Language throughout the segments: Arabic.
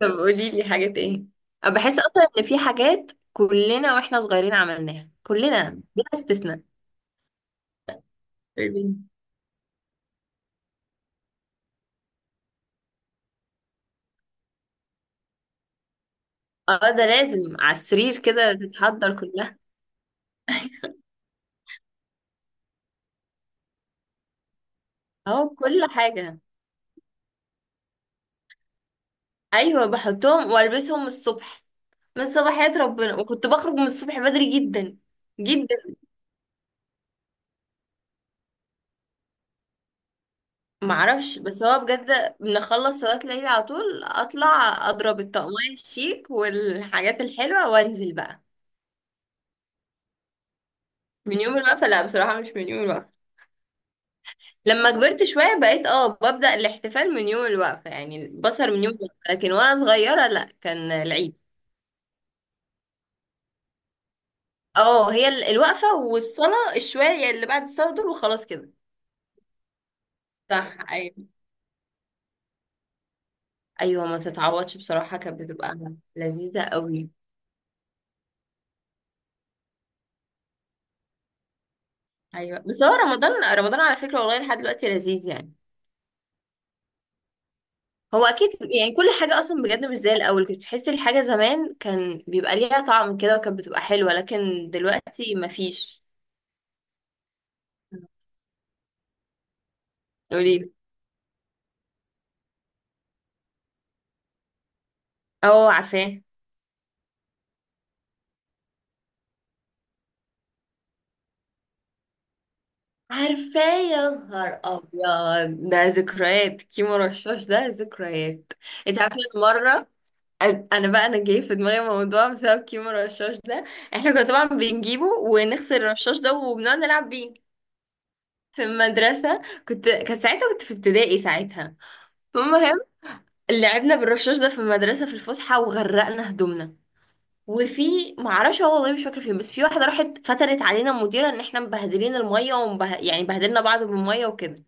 طب قولي لي حاجات ايه؟ أنا بحس اصلا ان في حاجات كلنا واحنا صغيرين عملناها كلنا بلا استثناء. ايه. اه، ده لازم على السرير كده تتحضر كلها. اه، كل حاجة. ايوه، بحطهم والبسهم الصبح من صباحيات ربنا، وكنت بخرج من الصبح بدري جدا جدا. معرفش، بس هو بجد بنخلص صلاة الليل على طول اطلع اضرب الطقمية الشيك والحاجات الحلوة وانزل بقى. من يوم الوقفة، لا بصراحة مش من يوم الوقفة. لما كبرت شوية بقيت ببدأ الاحتفال من يوم الوقفة، يعني البصر من يوم الوقفة، لكن وانا صغيرة لا، كان العيد. اه، هي الوقفة والصلاة الشوية اللي بعد الصلاة دول وخلاص كده. صح، ايوه. ايوه، ما تتعوضش بصراحة، كانت بتبقى لذيذة قوي. ايوه، بس هو رمضان رمضان على فكرة، والله لحد دلوقتي لذيذ يعني. هو اكيد، يعني كل حاجة اصلا بجد مش زي الاول، كنت تحسي الحاجة زمان كان بيبقى ليها طعم كده وكانت بتبقى حلوة، لكن دلوقتي مفيش. قوليلي. اه عارفاه. عارفاه، يا نهار ابيض ده ذكريات، كيمو رشاش ده ذكريات. انت عارفه أنا مره، انا بقى انا جاي في دماغي موضوع بسبب كيمو رشاش ده. احنا كنا طبعا بنجيبه ونغسل الرشاش ده وبنقعد نلعب بيه في المدرسه. كانت ساعتها كنت في ابتدائي ساعتها. المهم، لعبنا بالرشاش ده في المدرسه في الفسحه وغرقنا هدومنا. وفي معرفش هو، والله مش فاكره فين، بس في واحده راحت فترت علينا المديره ان احنا مبهدلين الميه يعني بهدلنا بعض بالميه وكده.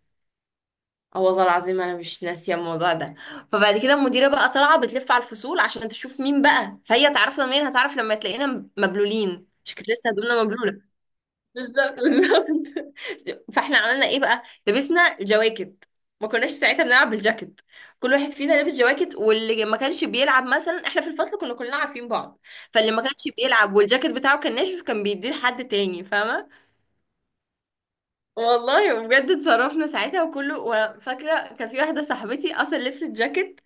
اه والله العظيم انا مش ناسيه الموضوع ده. فبعد كده المديره بقى طالعه بتلف على الفصول عشان تشوف مين بقى، فهي تعرفنا منين؟ هتعرف لما تلاقينا مبلولين عشان كانت لسه هدومنا مبلوله. بالظبط بالظبط. فاحنا عملنا ايه بقى؟ لبسنا جواكت. ما كناش ساعتها بنلعب بالجاكيت، كل واحد فينا لابس جواكت، واللي ما كانش بيلعب مثلا، احنا في الفصل كنا كلنا عارفين بعض، فاللي ما كانش بيلعب والجاكيت بتاعه كان ناشف كان بيديه لحد تاني، فاهمه؟ والله بجد اتصرفنا ساعتها وكله، وفاكره كان في واحده صاحبتي اصلا لبست جاكيت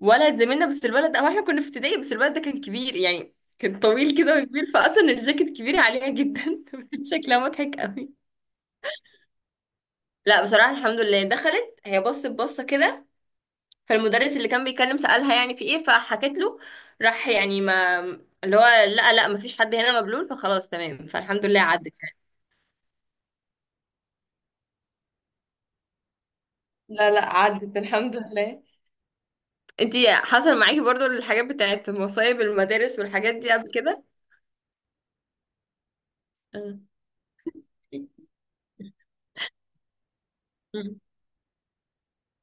ولد زميلنا، بس الولد، او احنا كنا في ابتدائي، بس الولد ده كان كبير يعني، كان طويل كده وكبير، فاصلا الجاكيت كبير عليها جدا شكلها مضحك قوي. لا بصراحه الحمد لله، دخلت هي بصت بصه كده، فالمدرس اللي كان بيتكلم سالها يعني في ايه، فحكت له. راح يعني ما اللي هو لا لا ما فيش حد هنا مبلول، فخلاص تمام، فالحمد لله عدت. لا لا، عدت الحمد لله. انتي حصل معاكي برضو الحاجات بتاعت مصايب المدارس والحاجات دي قبل كده؟ اه. مم.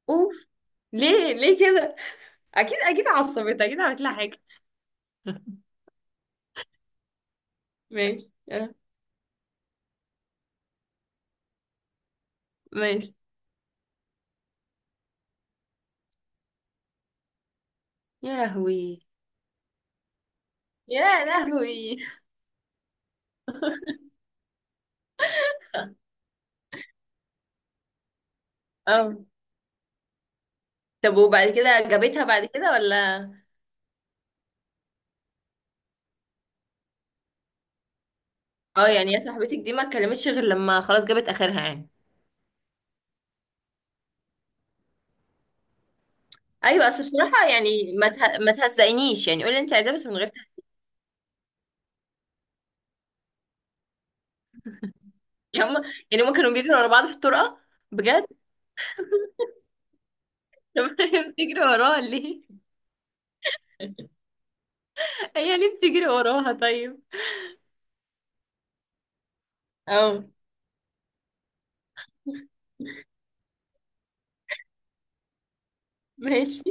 اوف. ليه ليه كده؟ اكيد اكيد عصبت، اكيد عملت لها حاجه. ماشي، اه. ماشي. يا لهوي. يا لهوي. اه. طب وبعد كده جابتها بعد كده ولا؟ اه. يعني يا صاحبتك دي ما اتكلمتش غير لما خلاص جابت اخرها يعني. ايوه، اصل بصراحه يعني ما تهزقنيش يعني، قولي انت عايزاه بس من غير تهزيق هم. يعني هم كانوا بيجروا ورا بعض في الطرقه؟ بجد طب بتجري وراه ليه؟ هي ليه بتجري وراها طيب؟ اه ماشي.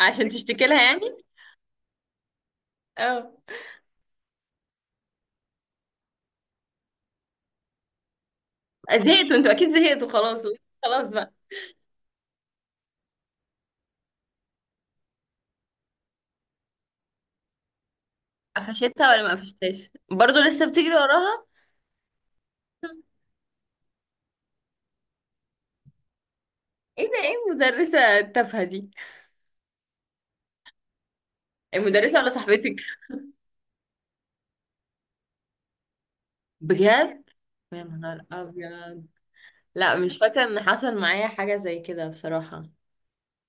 عشان تشتكي لها يعني. اه. زهقتوا انتوا، اكيد زهقتوا خلاص. خلاص بقى. قفشتها ولا ما قفشتهاش برضه لسه بتجري وراها؟ ايه ده؟ ايه المدرسة التافهة دي؟ المدرسة ولا صاحبتك؟ بجد. يا نهار ابيض. لا مش فاكرة ان حصل معايا حاجة زي كده بصراحة.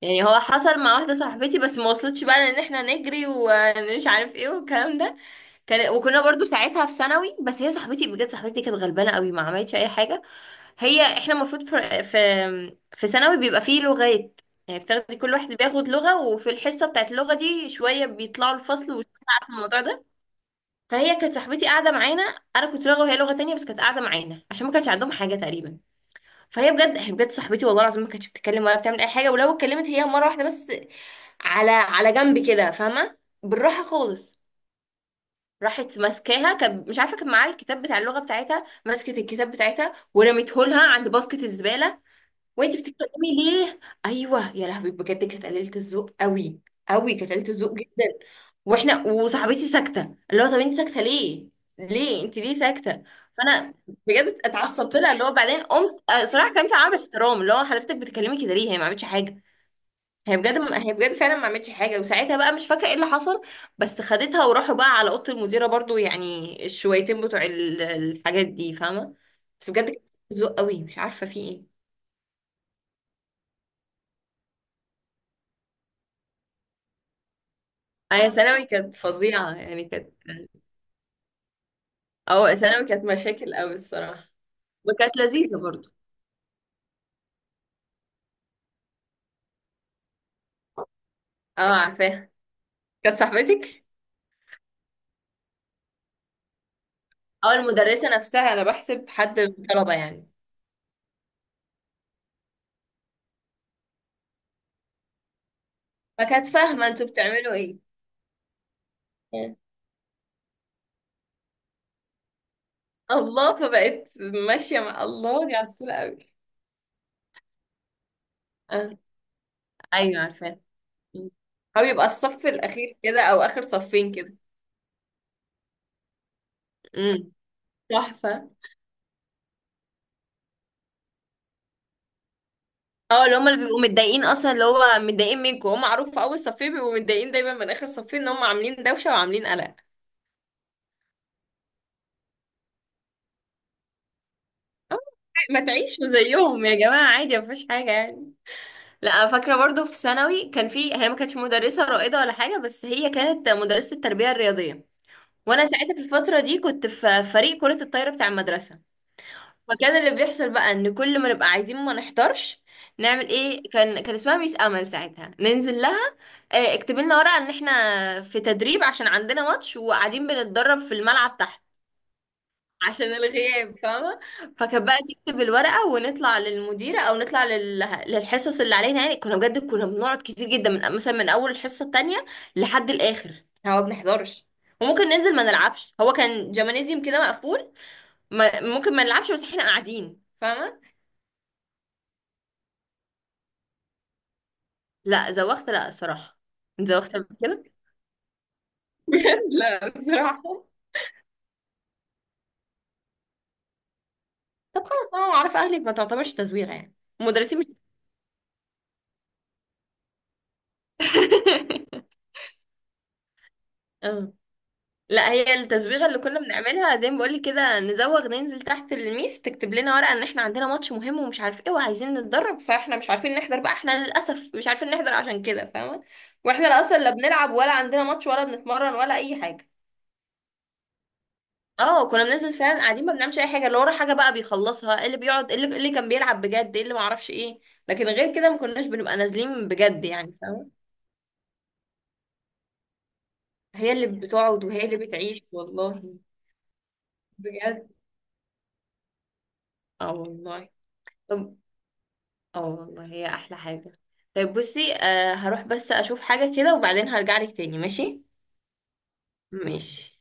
يعني هو حصل مع واحدة صاحبتي بس ما وصلتش بقى، لان احنا نجري ومش عارف ايه والكلام ده. كان وكنا برضو ساعتها في ثانوي، بس هي صاحبتي بجد، صاحبتي كانت غلبانة قوي، ما عملتش اي حاجة. هي احنا المفروض في في ثانوي بيبقى فيه لغات. يعني بتاخدي، كل واحد بياخد لغة، وفي الحصة بتاعت اللغة دي شوية بيطلعوا الفصل وشوية، عارفة الموضوع ده. فهي كانت صاحبتي قاعدة معانا، انا كنت لغة وهي لغة تانية، بس كانت قاعدة معانا عشان ما كانش عندهم حاجة تقريبا. فهي بجد، هي بجد صاحبتي والله العظيم ما كانتش بتتكلم ولا بتعمل اي حاجه، ولو اتكلمت هي مره واحده بس على جنب كده، فاهمه؟ بالراحه خالص. راحت ماسكاها، كان مش عارفه كان معاها الكتاب بتاع اللغه بتاعتها، مسكت الكتاب بتاعتها ورميته لها عند باسكت الزباله. وانت بتتكلمي ليه؟ ايوه يا لهوي، بجد كانت قليله الذوق قوي، قوي، كانت قليله الذوق جدا. واحنا وصاحبتي ساكته، اللي هو طب انت ساكته ليه، ليه انت ليه ساكته. فانا بجد اتعصبت لها، اللي هو بعدين قمت آه، صراحه كلمت معاها باحترام، اللي هو حضرتك بتتكلمي كده ليه؟ هي ما عملتش حاجه. هي بجد، هي بجد فعلا ما عملتش حاجه، وساعتها بقى مش فاكره ايه اللي حصل. بس خدتها وراحوا بقى على اوضه المديره برضو، يعني الشويتين بتوع الحاجات دي فاهمه. بس بجد كانت قلة ذوق قوي، مش عارفه في ايه. هي ثانوي كانت فظيعة، يعني كانت. أو ثانوي كانت مشاكل أوي الصراحة. وكانت لذيذة برضو. اه عارفاها. كانت صاحبتك أو المدرسة نفسها؟ أنا بحسب حد من الطلبة يعني. فكانت فاهمة انتوا بتعملوا ايه. آه. الله، فبقت ماشية مع الله، دي عسولة أوي. آه. أيوة عارفاها. مم. أو يبقى الصف الأخير كده، أو آخر صفين كده. امم. تحفة. اه، اللي هما اللي بيبقوا متضايقين اصلا، اللي هو متضايقين منكم، هم معروف في اول صفين بيبقوا متضايقين دايما من اخر صفين ان هم عاملين دوشه وعاملين قلق. آه، ما تعيشوا زيهم يا جماعة، عادي مفيش حاجة يعني. لا فاكرة برضو في ثانوي كان في، هي ما كانتش مدرسة رائدة ولا حاجة، بس هي كانت مدرسة التربية الرياضية. وانا ساعتها في الفترة دي كنت في فريق كرة الطايرة بتاع المدرسة. فكان اللي بيحصل بقى ان كل ما نبقى عايزين ما نحضرش، نعمل ايه؟ كان اسمها ميس امل ساعتها، ننزل لها آه، اكتب لنا ورقة ان احنا في تدريب عشان عندنا ماتش وقاعدين بنتدرب في الملعب تحت، عشان الغياب فاهمة. فكانت بقى تكتب الورقة ونطلع للمديرة، أو نطلع للحصص اللي علينا يعني. كنا بجد، كنا بنقعد كتير جدا من مثلا من أول الحصة التانية لحد الآخر، إحنا ما بنحضرش. وممكن ننزل ما نلعبش، هو كان جمانيزيوم كده مقفول. ما... ممكن ما نلعبش، بس احنا قاعدين فاهمة. لا زوخت لا الصراحة. انت زوخت قبل كده؟ لا بصراحة. طب خلاص، انا عارف اهلك ما تعتبرش تزويغ يعني. المدرسين مش. اه. لا هي التزويغه اللي كنا بنعملها زي ما بقولك كده نزوغ، ننزل تحت الميس تكتب لنا ورقه ان احنا عندنا ماتش مهم ومش عارف ايه وعايزين نتدرب، فاحنا مش عارفين نحضر بقى، احنا للاسف مش عارفين نحضر عشان كده فاهمه. واحنا لا اصلا لا بنلعب ولا عندنا ماتش ولا بنتمرن ولا اي حاجه. اه كنا بننزل فعلا قاعدين ما بنعملش اي حاجه، اللي ورا حاجه بقى بيخلصها، اللي بيقعد اللي كان بيلعب بجد، اللي ما اعرفش ايه. لكن غير كده ما كناش بنبقى نازلين بجد يعني فاهمه. هي اللي بتقعد وهي اللي بتعيش والله، بجد. اه والله. طب اه والله هي احلى حاجة. طيب بصي آه، هروح بس اشوف حاجة كده وبعدين هرجع لك تاني، ماشي. ماشي.